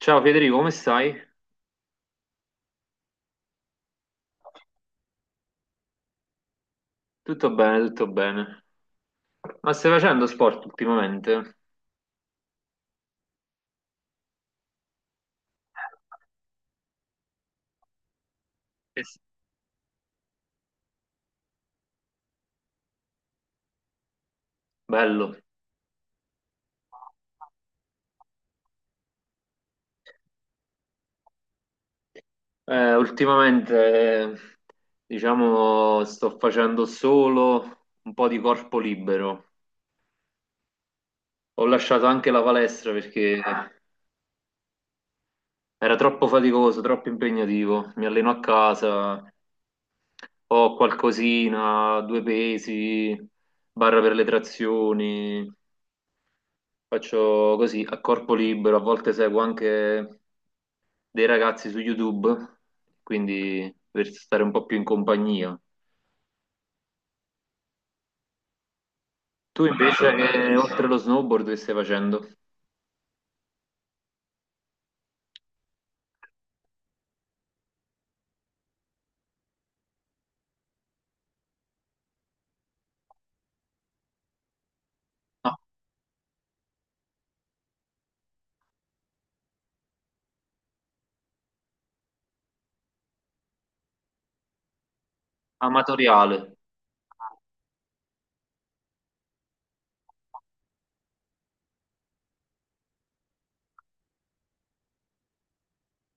Ciao Federico, come stai? Tutto bene, tutto bene. Ma stai facendo sport ultimamente? Eh sì. Bello. Eh, ultimamente, eh, diciamo, sto facendo solo un po' di corpo libero. Ho lasciato anche la palestra perché era troppo faticoso, troppo impegnativo. Mi alleno a casa, ho qualcosina, due pesi, barra per le trazioni. Faccio così a corpo libero, a volte seguo anche dei ragazzi su YouTube, quindi per stare un po' più in compagnia. Tu invece, che oltre allo snowboard che stai facendo? Ah, amatoriale.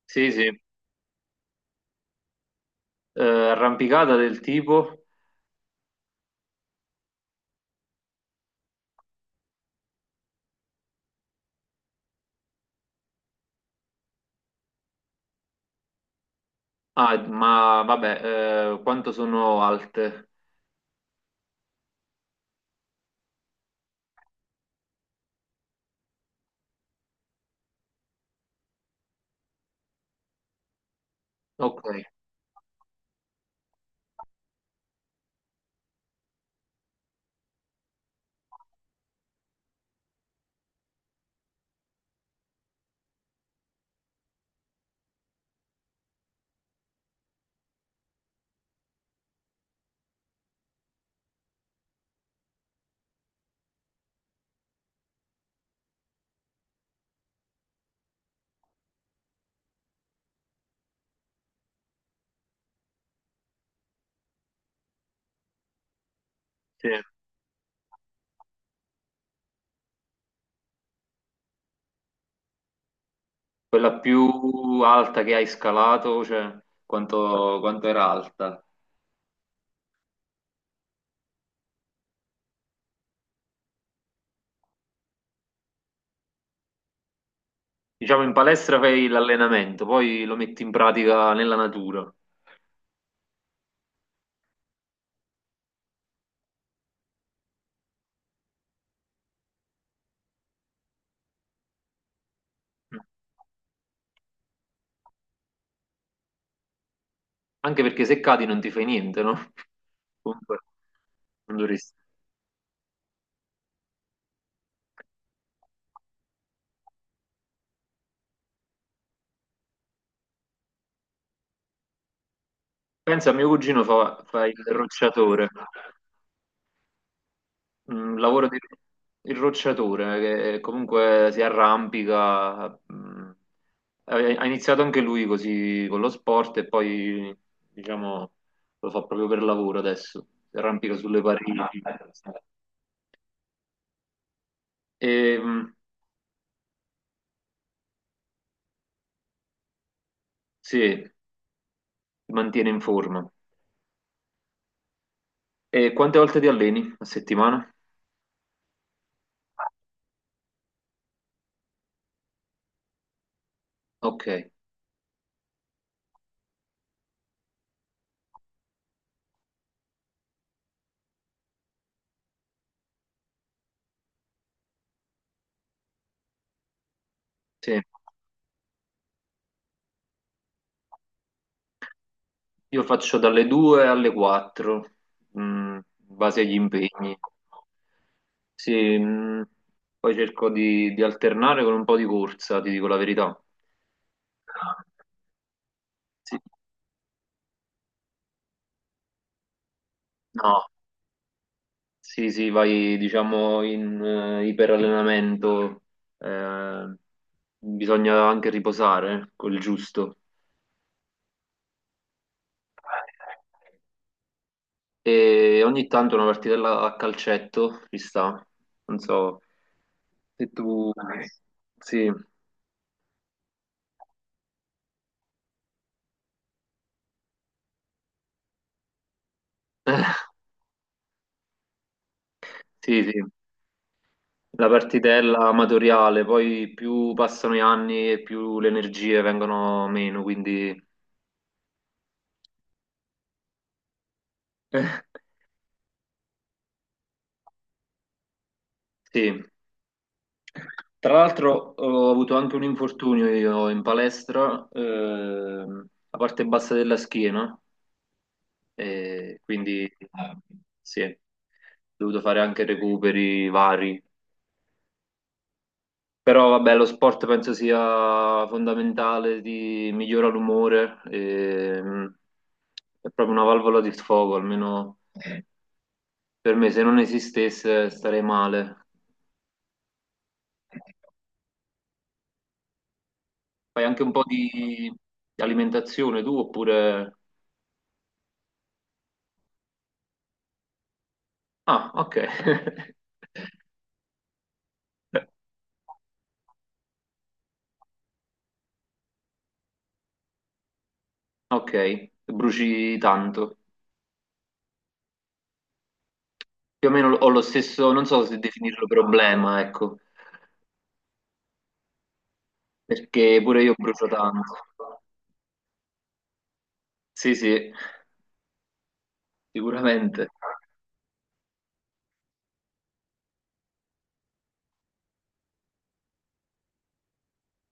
Sì, sì. Arrampicata del tipo. Ah, ma vabbè, quanto sono alte? Ok, sì. Quella più alta che hai scalato, cioè quanto era alta? Diciamo, in palestra fai l'allenamento, poi lo metti in pratica nella natura. Anche perché se cadi non ti fai niente, no? Comunque, non dovresti. Pensa, mio cugino fa il rocciatore. Mm, lavoro di il rocciatore, che comunque si arrampica. Mm. Ha iniziato anche lui così con lo sport e poi, diciamo, lo fa proprio per lavoro adesso. Si arrampica sulle pareti. E, mm, sì, si mantiene in forma. E quante volte ti alleni a settimana? Ok, sì. Io faccio dalle 2 alle 4, in base agli impegni. Sì, poi cerco di alternare con un po' di corsa, ti dico la verità. Sì. No, sì, sì, vai diciamo in iperallenamento, eh, bisogna anche riposare, quel giusto. E ogni tanto una partitella a calcetto ci sta. Non so se tu... Sì, sì, sì. La partitella amatoriale, poi più passano gli anni e più le energie vengono meno, quindi... Eh, sì. Tra l'altro ho avuto anche un infortunio io in palestra, la parte bassa della schiena, e quindi... Sì, ho dovuto fare anche recuperi vari. Però vabbè, lo sport penso sia fondamentale, ti migliora l'umore, e, mm, è proprio una valvola di sfogo, almeno per me, se non esistesse starei male. Fai anche un po' di alimentazione tu oppure... Ah, ok. Ok, bruci tanto. Più o meno ho lo stesso, non so se definirlo problema, ecco, perché pure io brucio tanto. Sì, sì, sicuramente.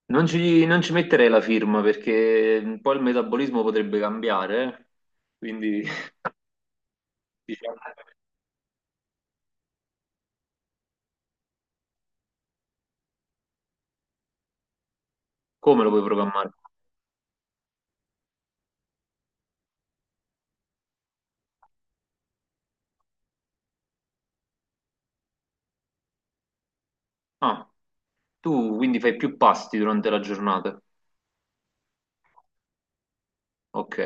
Non ci metterei la firma perché un po' il metabolismo potrebbe cambiare, eh. Quindi diciamo, come lo puoi programmare? Ah, tu quindi fai più pasti durante la giornata. Ok,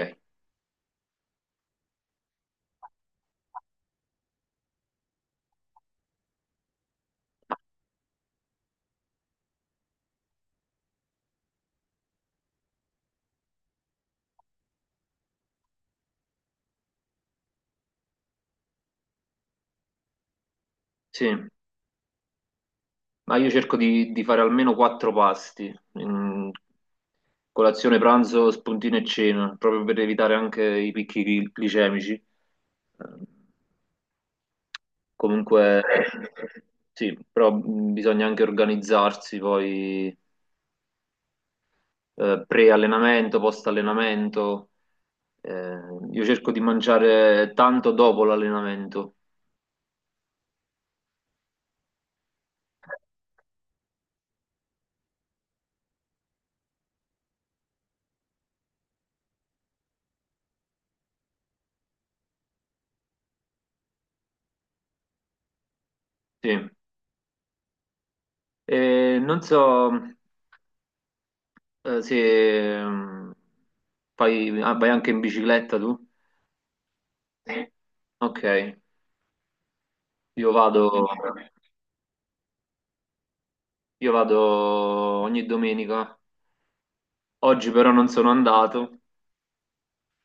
sì, ma io cerco di fare almeno quattro pasti, mm, colazione, pranzo, spuntino e cena, proprio per evitare anche i picchi glicemici. Comunque, sì, però mm, bisogna anche organizzarsi poi pre-allenamento, post-allenamento. Eh, io cerco di mangiare tanto dopo l'allenamento. Sì. E non so, se mm, ah, vai anche in bicicletta tu? Sì. Ok, io vado, io vado ogni domenica. Oggi però non sono andato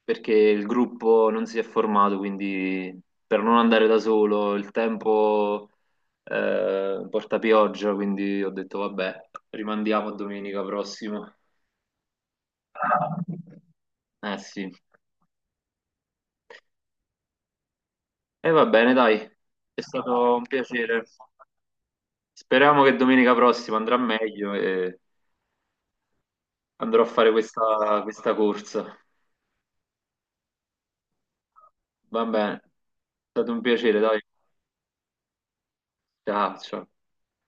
perché il gruppo non si è formato, quindi per non andare da solo, il tempo porta pioggia, quindi ho detto vabbè, rimandiamo a domenica prossima. Eh sì. E va bene, dai, è stato un piacere. Speriamo che domenica prossima andrà meglio e andrò a fare questa corsa. Va bene, è stato un piacere, dai. Ciao, ciao.